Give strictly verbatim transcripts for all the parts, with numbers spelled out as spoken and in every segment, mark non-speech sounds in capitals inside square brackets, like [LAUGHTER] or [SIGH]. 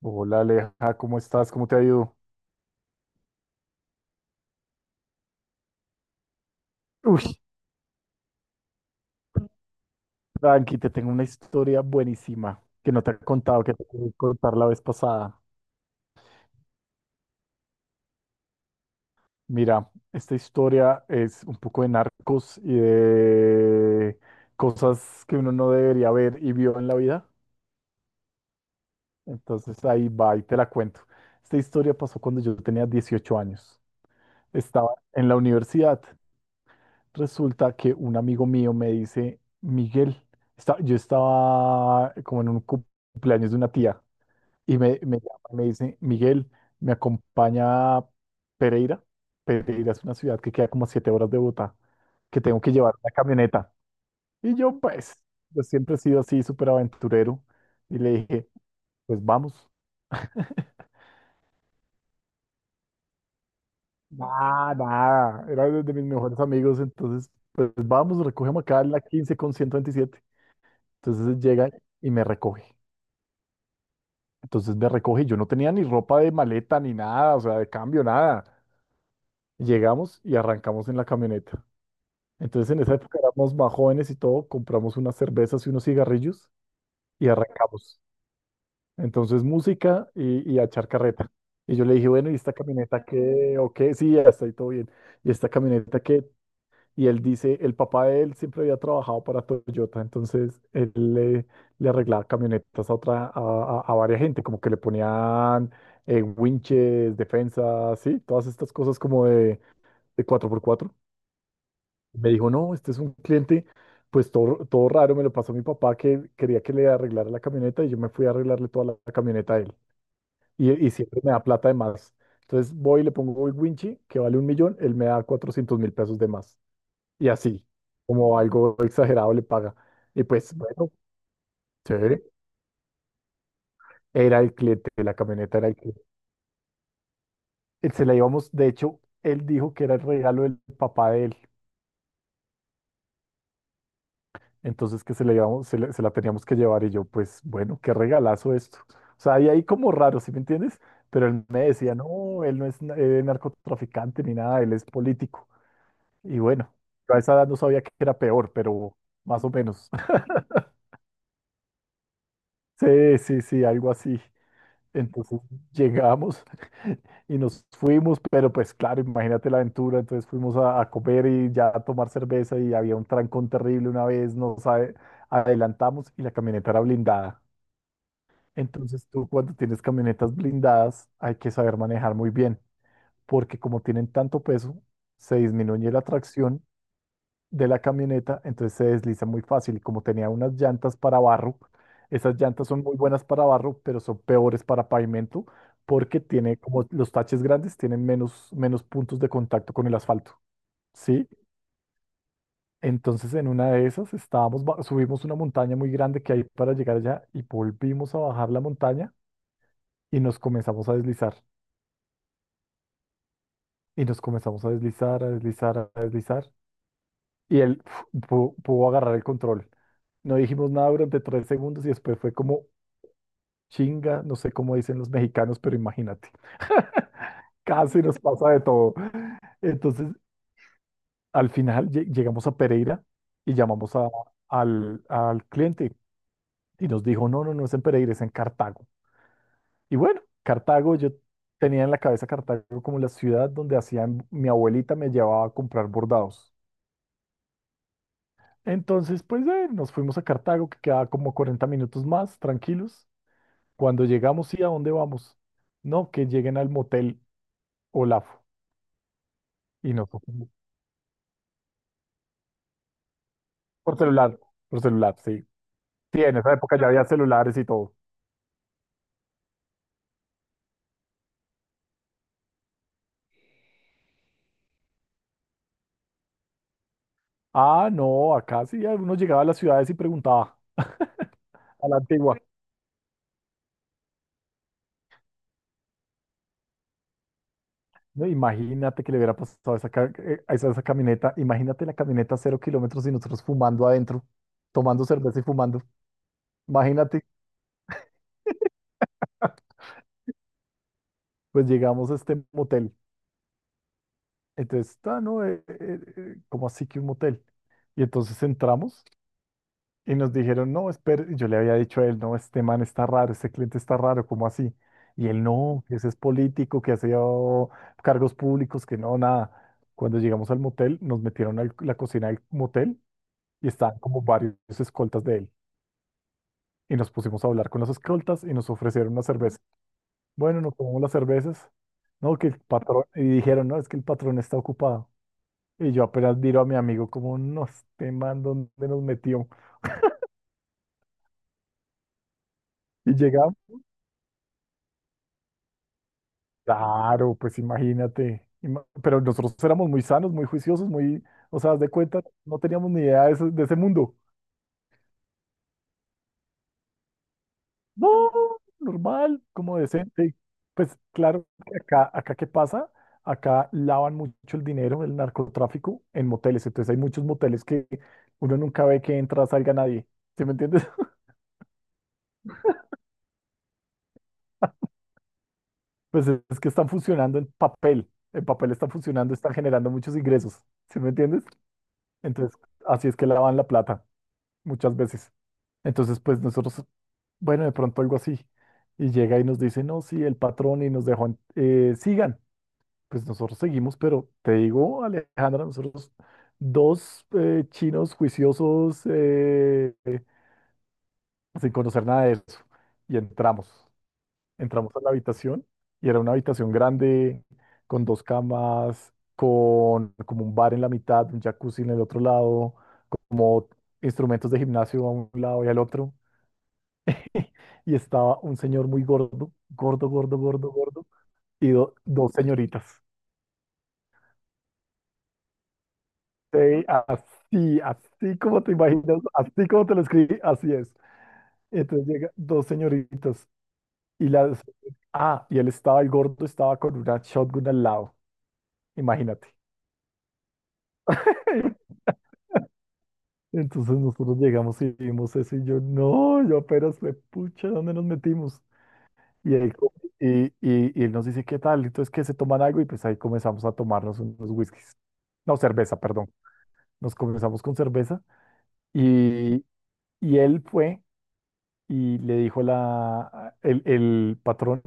Hola Aleja, ¿cómo estás? ¿Cómo te ha ido? Uy, tranqui, te tengo una historia buenísima que no te he contado, que te quería contar la vez pasada. Mira, esta historia es un poco de narcos y de cosas que uno no debería ver y vio en la vida. Entonces ahí va y te la cuento. Esta historia pasó cuando yo tenía dieciocho años. Estaba en la universidad. Resulta que un amigo mío me dice, Miguel, está- yo estaba como en un cumpleaños de una tía. Y me, me llama y me dice, Miguel, ¿me acompaña a Pereira? Pereira es una ciudad que queda como a siete horas de Bogotá, que tengo que llevar una camioneta. Y yo, pues, yo siempre he sido así, súper aventurero. Y le dije, pues vamos. [LAUGHS] Nada, nada. Era uno de mis mejores amigos, entonces, pues vamos, recogemos acá en la quince con ciento veintisiete. Entonces llega y me recoge. Entonces me recoge. Yo no tenía ni ropa de maleta ni nada, o sea, de cambio, nada. Llegamos y arrancamos en la camioneta. Entonces en esa época éramos más jóvenes y todo, compramos unas cervezas y unos cigarrillos y arrancamos. Entonces música y, y a echar carreta. Y yo le dije, bueno, ¿y esta camioneta qué? ¿O qué? Sí, ya está ahí todo bien. ¿Y esta camioneta qué? Y él dice, el papá de él siempre había trabajado para Toyota, entonces él le, le arreglaba camionetas a otra, a, a, a varias gente, como que le ponían eh, winches, defensas, sí, todas estas cosas como de, de cuatro por cuatro. Me dijo, no, este es un cliente, pues todo, todo raro, me lo pasó mi papá que quería que le arreglara la camioneta y yo me fui a arreglarle toda la, la camioneta a él. Y, y siempre me da plata de más. Entonces voy y le pongo el winchi, que vale un millón, él me da cuatrocientos mil pesos de más. Y así, como algo exagerado le paga. Y pues bueno, chévere, era el cliente, la camioneta era el cliente. Él Se la íbamos, de hecho, él dijo que era el regalo del papá de él, entonces que se, la íbamos- se, la se la teníamos que llevar y yo, pues bueno, qué regalazo esto. O sea, y ahí como raro, ¿sí me entiendes? Pero él me decía, no, él no es na- eh, narcotraficante ni nada, él es político. Y bueno, yo a esa edad no sabía que era peor, pero más o menos. [LAUGHS] Sí, sí, sí, algo así. Entonces llegamos [LAUGHS] y nos fuimos, pero pues claro, imagínate la aventura. Entonces fuimos a, a comer y ya a tomar cerveza y había un trancón terrible una vez, nos a- adelantamos y la camioneta era blindada. Entonces tú cuando tienes camionetas blindadas hay que saber manejar muy bien, porque como tienen tanto peso, se disminuye la tracción de la camioneta, entonces se desliza muy fácil. Y como tenía unas llantas para barro, esas llantas son muy buenas para barro, pero son peores para pavimento, porque tiene como los taches grandes tienen menos, menos puntos de contacto con el asfalto, ¿sí? Entonces en una de esas estábamos, ba- subimos una montaña muy grande que hay para llegar allá y volvimos a bajar la montaña y nos comenzamos a deslizar. Y nos comenzamos a deslizar, a deslizar, a deslizar. Y él pf, pudo, pudo agarrar el control. No dijimos nada durante tres segundos y después fue como chinga, no sé cómo dicen los mexicanos, pero imagínate, casi nos pasa de todo. Entonces, al final lle- llegamos a Pereira y llamamos a- al, al cliente y nos dijo, no, no, no es en Pereira, es en Cartago. Y bueno, Cartago, yo tenía en la cabeza Cartago como la ciudad donde hacían, mi abuelita me llevaba a comprar bordados. Entonces, pues eh, nos fuimos a Cartago, que queda como cuarenta minutos más, tranquilos. Cuando llegamos, ¿y a dónde vamos? No, que lleguen al motel Olafo. Y nosotros, por celular, por celular, sí. Sí, en esa época ya había celulares y todo. Ah, no, acá sí, uno llegaba a las ciudades y preguntaba a la antigua. No, imagínate que le hubiera pasado a esa, ca- eh, a esa, esa camioneta. Imagínate la camioneta a cero kilómetros y nosotros fumando adentro, tomando cerveza y fumando. Imagínate, pues llegamos a este motel. Entonces, está, ¿no? Eh, eh, eh, como así que un motel. Y entonces entramos y nos dijeron, no, espera, yo le había dicho a él, no, este man está raro, este cliente está raro, ¿cómo así? Y él, no, que ese es político, que hacía oh, cargos públicos, que no, nada. Cuando llegamos al motel, nos metieron a la cocina del motel y estaban como varios escoltas de él. Y nos pusimos a hablar con los escoltas y nos ofrecieron una cerveza. Bueno, nos tomamos las cervezas. No, que el patrón, y dijeron, no, es que el patrón está ocupado. Y yo apenas miro a mi amigo como nos te mando dónde nos metió. Y llegamos, claro, pues imagínate. ima- Pero nosotros éramos muy sanos, muy juiciosos, muy, o sea, haz de cuenta, no teníamos ni idea de ese, de ese mundo. No, normal, como decente. Pues claro, que acá, acá ¿qué pasa? Acá lavan mucho el dinero, el narcotráfico, en moteles. Entonces hay muchos moteles que uno nunca ve que entra, salga nadie. ¿Sí me entiendes? Pues es que están funcionando en papel. En papel están funcionando, están generando muchos ingresos. ¿Sí me entiendes? Entonces, así es que lavan la plata muchas veces. Entonces, pues nosotros, bueno, de pronto algo así. Y llega y nos dice, no, sí, el patrón y nos dejó, en- eh, sigan. Pues nosotros seguimos, pero te digo, Alejandra, nosotros dos eh, chinos juiciosos eh, eh, sin conocer nada de eso. Y entramos. Entramos a la habitación y era una habitación grande, con dos camas, con como un bar en la mitad, un jacuzzi en el otro lado, como instrumentos de gimnasio a un lado y al otro. [LAUGHS] Y estaba un señor muy gordo, gordo, gordo, gordo, gordo, y do- dos señoritas. Sí, así, así como te imaginas, así como te lo escribí, así es. Entonces llega dos señoritas y las... Ah, y él estaba, el gordo estaba con una shotgun al lado, imagínate. [LAUGHS] Entonces nosotros llegamos y vimos eso y yo, no, yo apenas fue, pucha, ¿dónde nos metimos? Y él, co- y, y, y él nos dice, ¿qué tal? Entonces, ¿que se toman algo? Y pues ahí comenzamos a tomarnos unos whiskies. No, cerveza, perdón. Nos comenzamos con cerveza y, y él fue y le dijo la, el, el patrón,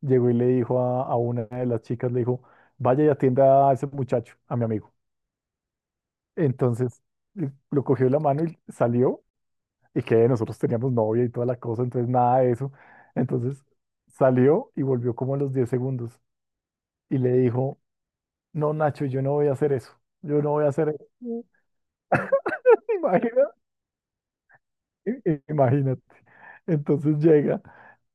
llegó y le dijo a, a una de las chicas, le dijo, vaya y atienda a ese muchacho, a mi amigo. Entonces, l- lo cogió de la mano y salió y que nosotros teníamos novia y toda la cosa, entonces nada de eso. Entonces salió y volvió como a los diez segundos y le dijo, no, Nacho, yo no voy a hacer eso, yo no voy a hacer eso. [LAUGHS] Imagina- i- Imagínate. Entonces llega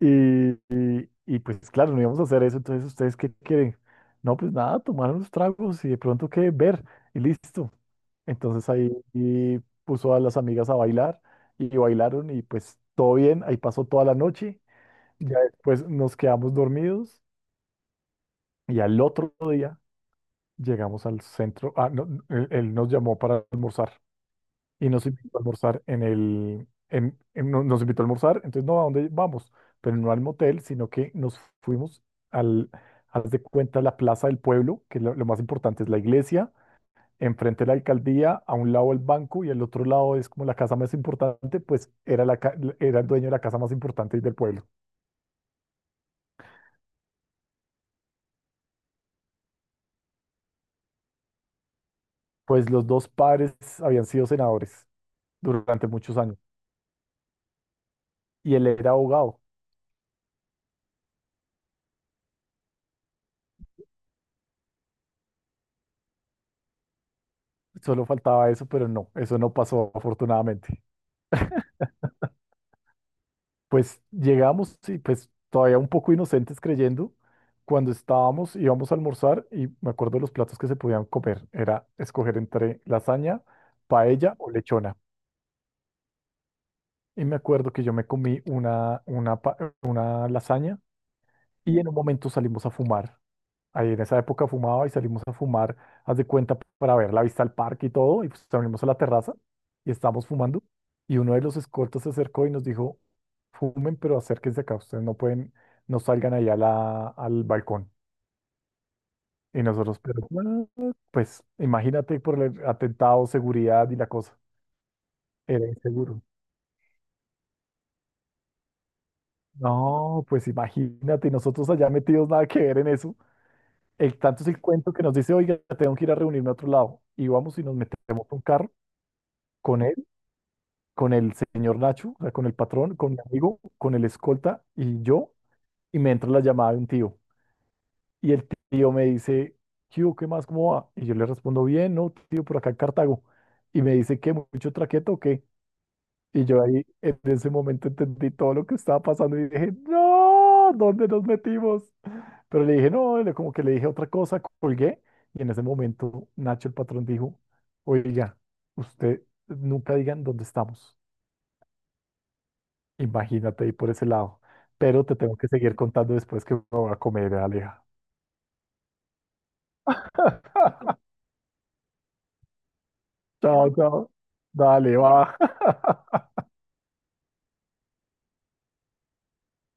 y, y- y, pues claro, no íbamos a hacer eso, entonces ¿ustedes qué quieren? No, pues nada, tomar unos tragos y de pronto qué ver y listo. Entonces ahí y puso a las amigas a bailar y bailaron y pues todo bien, ahí pasó toda la noche. Ya después nos quedamos dormidos y al otro día llegamos al centro. Ah, no, no, él, él nos llamó para almorzar y nos invitó a almorzar en el. En- en- no- nos invitó a almorzar, entonces no, ¿a dónde vamos? Pero no al motel, sino que nos fuimos al. Haz de cuenta la plaza del pueblo, que lo, lo más importante es la iglesia, enfrente la alcaldía, a un lado el banco y al otro lado es como la casa más importante, pues era, la, ca- era el dueño de la casa más importante del pueblo. Pues los dos padres habían sido senadores durante muchos años. Y él era abogado, solo faltaba eso, pero no, eso no pasó afortunadamente. Pues llegamos y pues todavía un poco inocentes creyendo, cuando estábamos, íbamos a almorzar y me acuerdo los platos que se podían comer, era escoger entre lasaña, paella o lechona. Y me acuerdo que yo me comí una, una, pa- una lasaña y en un momento salimos a fumar. Ahí en esa época fumaba y salimos a fumar, haz de cuenta, para ver la vista al parque y todo, y pues salimos a la terraza y estábamos fumando. Y uno de los escoltas se acercó y nos dijo, fumen, pero acérquense acá, ustedes no pueden, no salgan ahí a la- al balcón. Y nosotros, pero, "What?". Pues imagínate por el atentado, seguridad y la cosa, era inseguro. No, pues imagínate, y nosotros allá metidos nada que ver en eso. El tanto es el cuento que nos dice, oiga, tengo que ir a reunirme a otro lado. Y vamos y nos metemos a un carro con él, con el señor Nacho, o sea, con el patrón, con mi amigo, con el escolta y yo, y me entra la llamada de un tío. Y el tío me dice, ¿qué hubo? ¿Qué más? ¿Cómo va? Y yo le respondo, bien, no, tío, por acá en Cartago. Y me dice, ¿qué? ¿Mucho traqueto o qué? Y yo ahí, en ese momento, entendí todo lo que estaba pasando y dije, no, ¿dónde nos metimos? Pero le dije, no, le- como que le dije otra cosa, colgué. Y en ese momento, Nacho, el patrón, dijo, oiga, usted nunca digan dónde estamos. Imagínate ahí por ese lado. Pero te tengo que seguir contando después que me voy a comer, Aleja. [LAUGHS] Chao, chao. Dale, va. [LAUGHS]